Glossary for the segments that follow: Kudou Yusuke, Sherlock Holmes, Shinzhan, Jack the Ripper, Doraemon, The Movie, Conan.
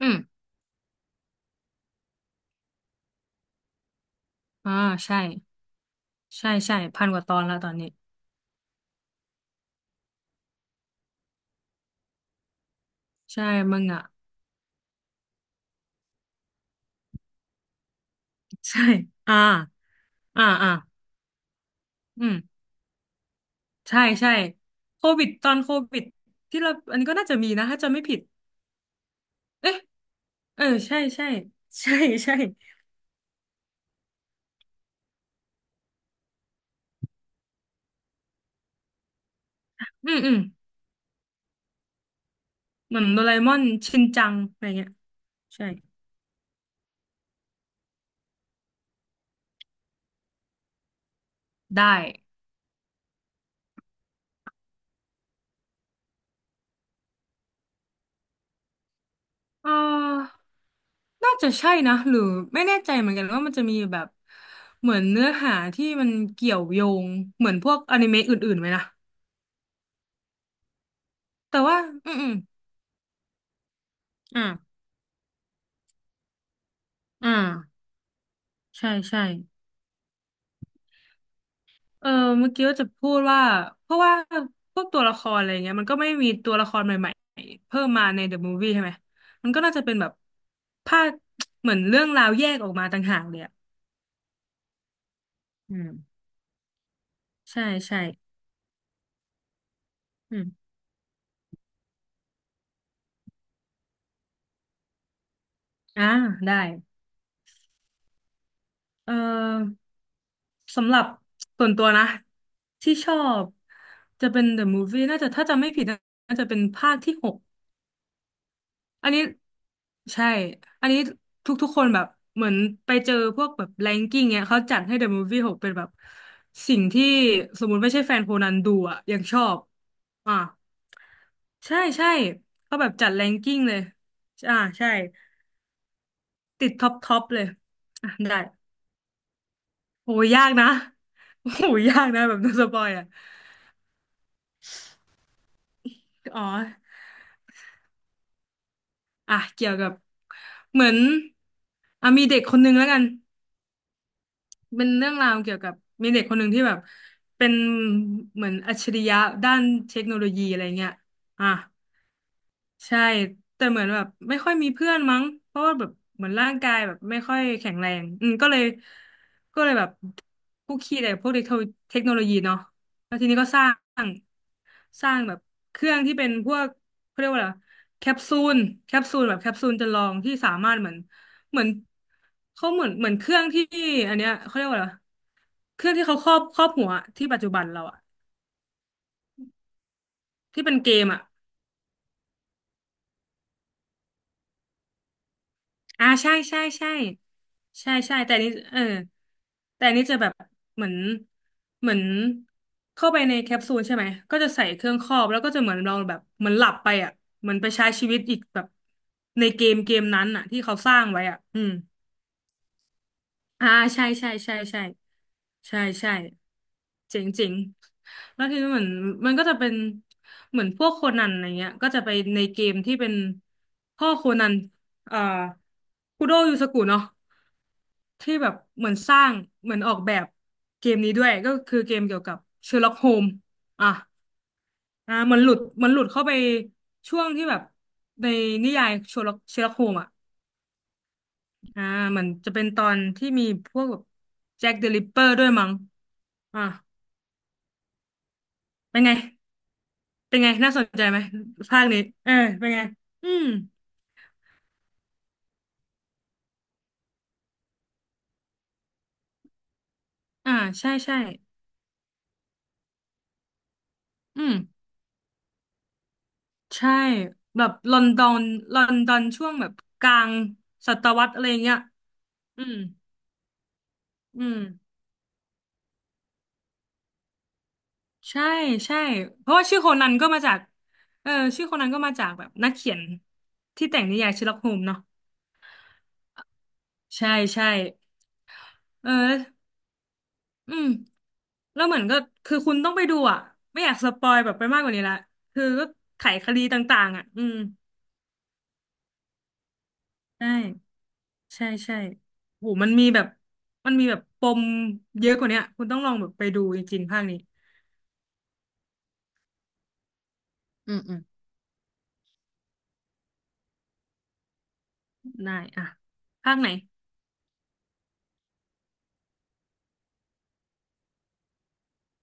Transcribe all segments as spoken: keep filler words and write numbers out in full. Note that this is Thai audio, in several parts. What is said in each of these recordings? อืม อ่าใช่ใช่ใช่พันกว่าตอนแล้วตอนนี้ใช่มึงอ่ะ ใช่อ่าอ่าอ่าอืมใช่ใช่โควิดตอนโควิดที่เราอันนี้ก็น่าจะมีนะถ้าจำไม่ผิดเอ๊ะเออใช่ใช่ ใช่ใช่อืมอืมเหมือนโดราเอมอนชินจังอะไรเงี้ยใช่ได้เอ่าน่าจะใช่นะหรือไม่แน่ใจเหมือนกันว่ามันจะมีแบบเหมือนเนื้อหาที่มันเกี่ยวโยงเหมือนพวกอนิเมะอื่นๆไหมนะแต่ว่าอืม อ่าอ่าใช่ใช่เออเมื่อกี้ว่าจะพูดว่าเพราะว่าพวกตัวละครอะไรเงี้ยมันก็ไม่มีตัวละครใหม่ๆเพิ่มมาในเดอะมูฟวี่ใช่ไหมมันก็น่าจะเป็นแบบภาคเหมือนเรื่องราวแยกออกมาต่างหากเลยอะอืมใช่ใช่อืมอ่าได้เออสำหรับส่วนตัวนะที่ชอบจะเป็นเดอะมูฟวี่น่าจะถ้าจำไม่ผิดน่าจะเป็นภาคที่หก อันนี้ใช่ อันนี้ทุกๆคนแบบเหมือนไปเจอพวกแบบแรงกิ้งเนี้ยเขาจัดให้ The Movie หกเป็นแบบสิ่งที่สมมุติไม่ใช่แฟนโคนันดูอ่ะยังชอบอ่าใช่ใช่เขาแบบจัดแรงกิ้งเลยอ่าใช่ติดท็อปท็อปเลยอ่ะได้โอ้ยยากนะ โอ้ยยากนะแบบโดนสปอยอ่ะอ๋ออ่ะเกี่ยวกับเหมือนอ่ะมีเด็กคนนึงแล้วกัน เป็นเรื่องราวเกี่ยวกับมีเด็กคนหนึ่งที่แบบเป็นเหมือนอัจฉริยะด้านเทคโนโลยีอะไรเงี้ยอ่ะใช่แต่เหมือนแบบไม่ค่อยมีเพื่อนมั้งเพราะว่าแบบเหมือนร่างกายแบบไม่ค่อยแข็งแรงอืมก็เลยก็เลยแบบคุกคีแต่พวกเทคโนเทคโนโลยีเนาะแล้วทีนี้ก็สร้างสร้างแบบเครื่องที่เป็นพวกเขาเรียกว่าอะไรแคปซูลแคปซูลแบบแคปซูลจำลองที่สามารถเหมือนเหมือนเขาเหมือนเหมือนเครื่องที่อันเนี้ยเขาเรียกว่าอะไร เครื่องที่เขาครอบครอบหัวที่ปัจจุบันเราอะที่เป็นเกมอะอ่าใช่ใช่ใช่ใช่ใช่แต่อันนี้เออแต่อันนี้จะแบบเหมือนเหมือนเข้าไปในแคปซูลใช่ไหมก็จะใส่เครื่องครอบแล้วก็จะเหมือนเราแบบเหมือนหลับไปอะเหมือนไปใช้ชีวิตอีกแบบในเกมเกมนั้นอะที่เขาสร้างไว้อะอืม อ่าใช่ใช่ใช่ใช่ใช่ใช่เจ๋งเจ๋งแล้วคือเหมือนมันก็จะเป็นเหมือนพวกโคนันอะไรเงี้ยก็จะไปในเกมที่เป็นพ่อโคนันเอ่อคุโดยูสกุเนาะที่แบบเหมือนสร้างเหมือนออกแบบเกมนี้ด้วยก็คือเกมเกี่ยวกับเชอร์ล็อกโฮมอ่ะอ่ามันหลุดมันหลุดเข้าไปช่วงที่แบบในนิยายเชอร์ล็อกเชอร์ล็อกโฮมอ่ะ อ่ามันจะเป็นตอนที่มีพวกแบบแจ็คเดอะริปเปอร์ด้วยมั้งอ่าเป็นไงเป็นไงน่าสนใจไหมภาคนี้เออเป็นไงอืมอ่าใช่ใช่อืมใช่แบบลอนดอนลอนดอนช่วงแบบกลางศตวรรษอะไรเงี้ยอืมอืมใช่ใช่เพราะว่าชื่อโคนันก็มาจากเออชื่อโคนันก็มาจากแบบนักเขียนที่แต่งนิยายเชอร์ล็อกโฮมส์เนาะใช่ใช่เออ อืมแล้วเหมือนก็คือคุณต้องไปดูอ่ะไม่อยากสปอยแบบไปมากกว่านี้ละคือก็ไขคดีต่างๆอ่ะอืมใช่ใช่ใช่โหมันมีแบบมันมีแบบปมเยอะกว่าเนี้ยคุณต้องลองแบบไปดูจริงๆภาคนี้อืมอืมได้อ่ะภาคไหน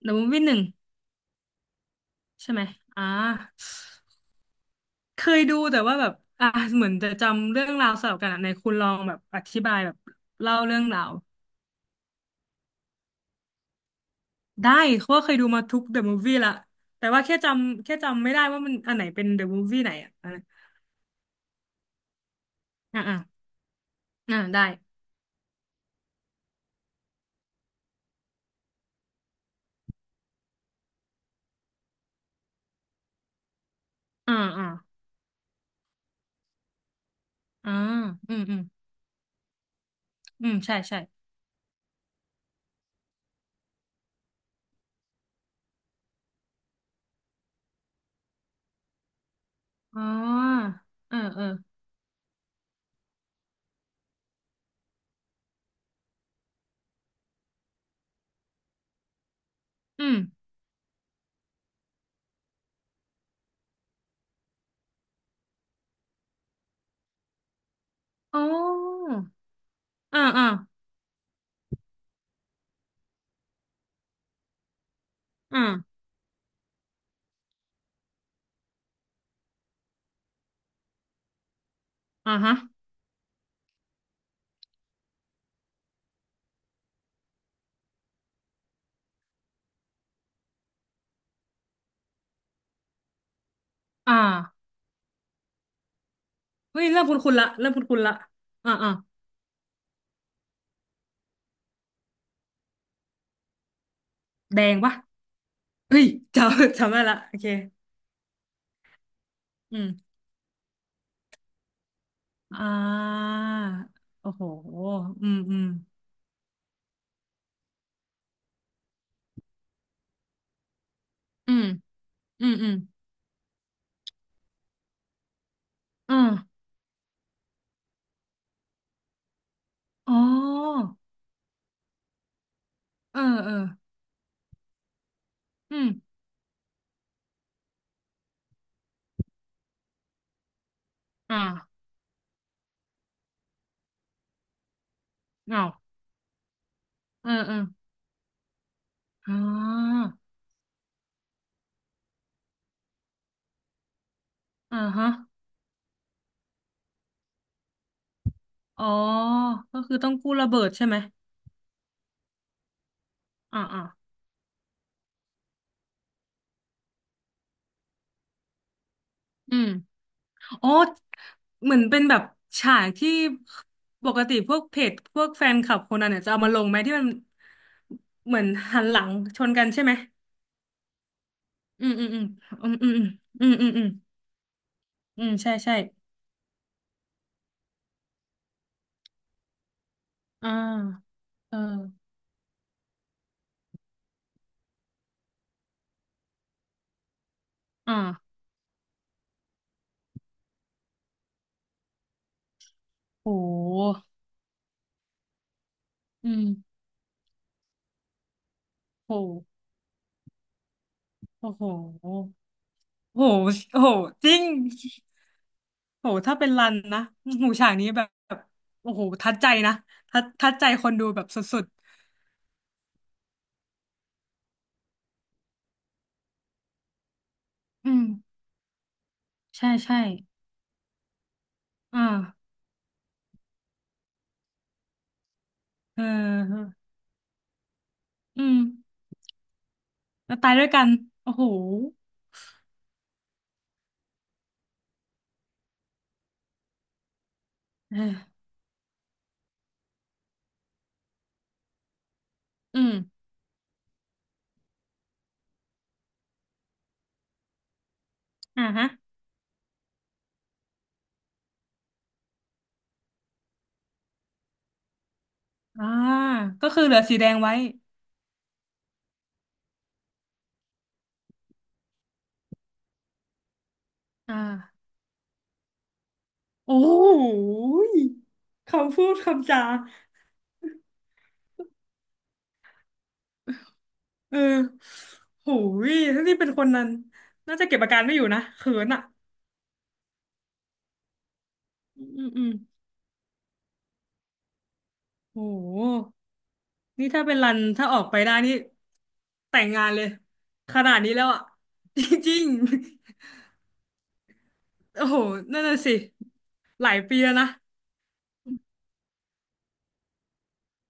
เดอะมูฟวี่หนึ่งใช่ไหมอ่าเคยดูแต่ว่าแบบอ่าเหมือนจะจำเรื่องราวสลับกันอ่ะในคุณลองแบบอธิบายแบบเล่าเรื่องราว ได้เพราะว่าเคยดูมาทุกเดอะมูฟวี่ละแต่ว่าแค่จำแค่จำไม่ได้ว่ามันอันไหนเป็นเดอะมูฟวี่ไหนอ่ะอะไรอ่ะอ่ะอ่ะได้อ่าอ่าอ่าอืมอืมอืมใช่ใช่อ๋อเออเอออืมอ๋ออ่าอ่าอ่าอ่าฮะอ่าเฮ้ยเริ่มคุ้นๆละเริ่มคุ้นๆละอ่าอ่าแดงปะเฮ้ยจำ จำได้ละโอเคอืมอ่าโอ้โหอืมอืมอืมอืมอืมอ่าอ๋อ เออเออ อืม อ่าเอาเออเอออ่าอ่าฮะอ๋อก็คือต้องกู้ระเบิดใช่ไหมอ่าอ่าอืมอ๋อเหมือนเป็นแบบฉากที่ปกติพวกเพจพวกแฟนคลับคนนั้นเนี่ยจะเอามาลงไหมที่มันเหมือนหันหลังชนกันใช่ไหมอืมอืมอืมอืมอืมอืมอืมอืมอืมใช่ใช่อ่าเอออ่าโหอืมโหโอ้โห โหโห จริงโหถ้าเป็นรันนะหูฉากนี้แบบโอ้โหทัดใจนะทัดทัดใจคนดูแบบสุดๆอืมใช่ใช่อ่าเอออืมแล้วตายด้วยกันโอ้โหเอออืมอ่าฮะอ่าก็คือเหลือสีแดงไว้อ่าโอ้โหยคำพูดคำจาเออโหยถ้านี่เป็นคนนั้นน่าจะเก็บอาการไม่อยู่นะเขินอ่ะอืมอืมอืมโห นี่ถ้าเป็นรันถ้าออกไปได้นี่แต่งงานเลยขนาดนี้แล้วอ่ะ จริงๆโอ้โหนั่นน่ะสิหลายปีแล้วนะ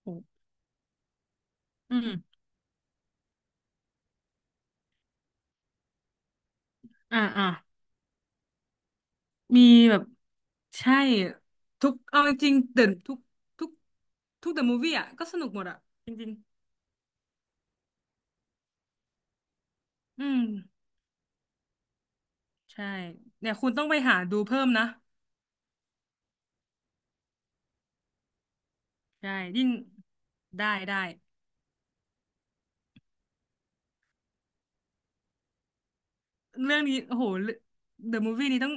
โอืมอืมอ่าอ่ามีแบบใช่ทุกเอาจริงๆเดินทุกทุกทุกเดอะมูฟวี่อ่ะก็สนุกหมดอ่ะจริงๆอืมใช่เนี่ยคุณต้องไปหาดูเพิ่มนะใช่ยิ่งได้ได้เรื่องนี้โอ้โหเดอะมูฟวี่นี้ต้อง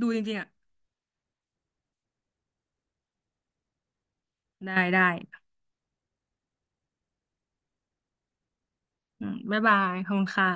ดูจริงๆอ่ะได้ได้อืมบ๊ายบายขอบคุณค่ะ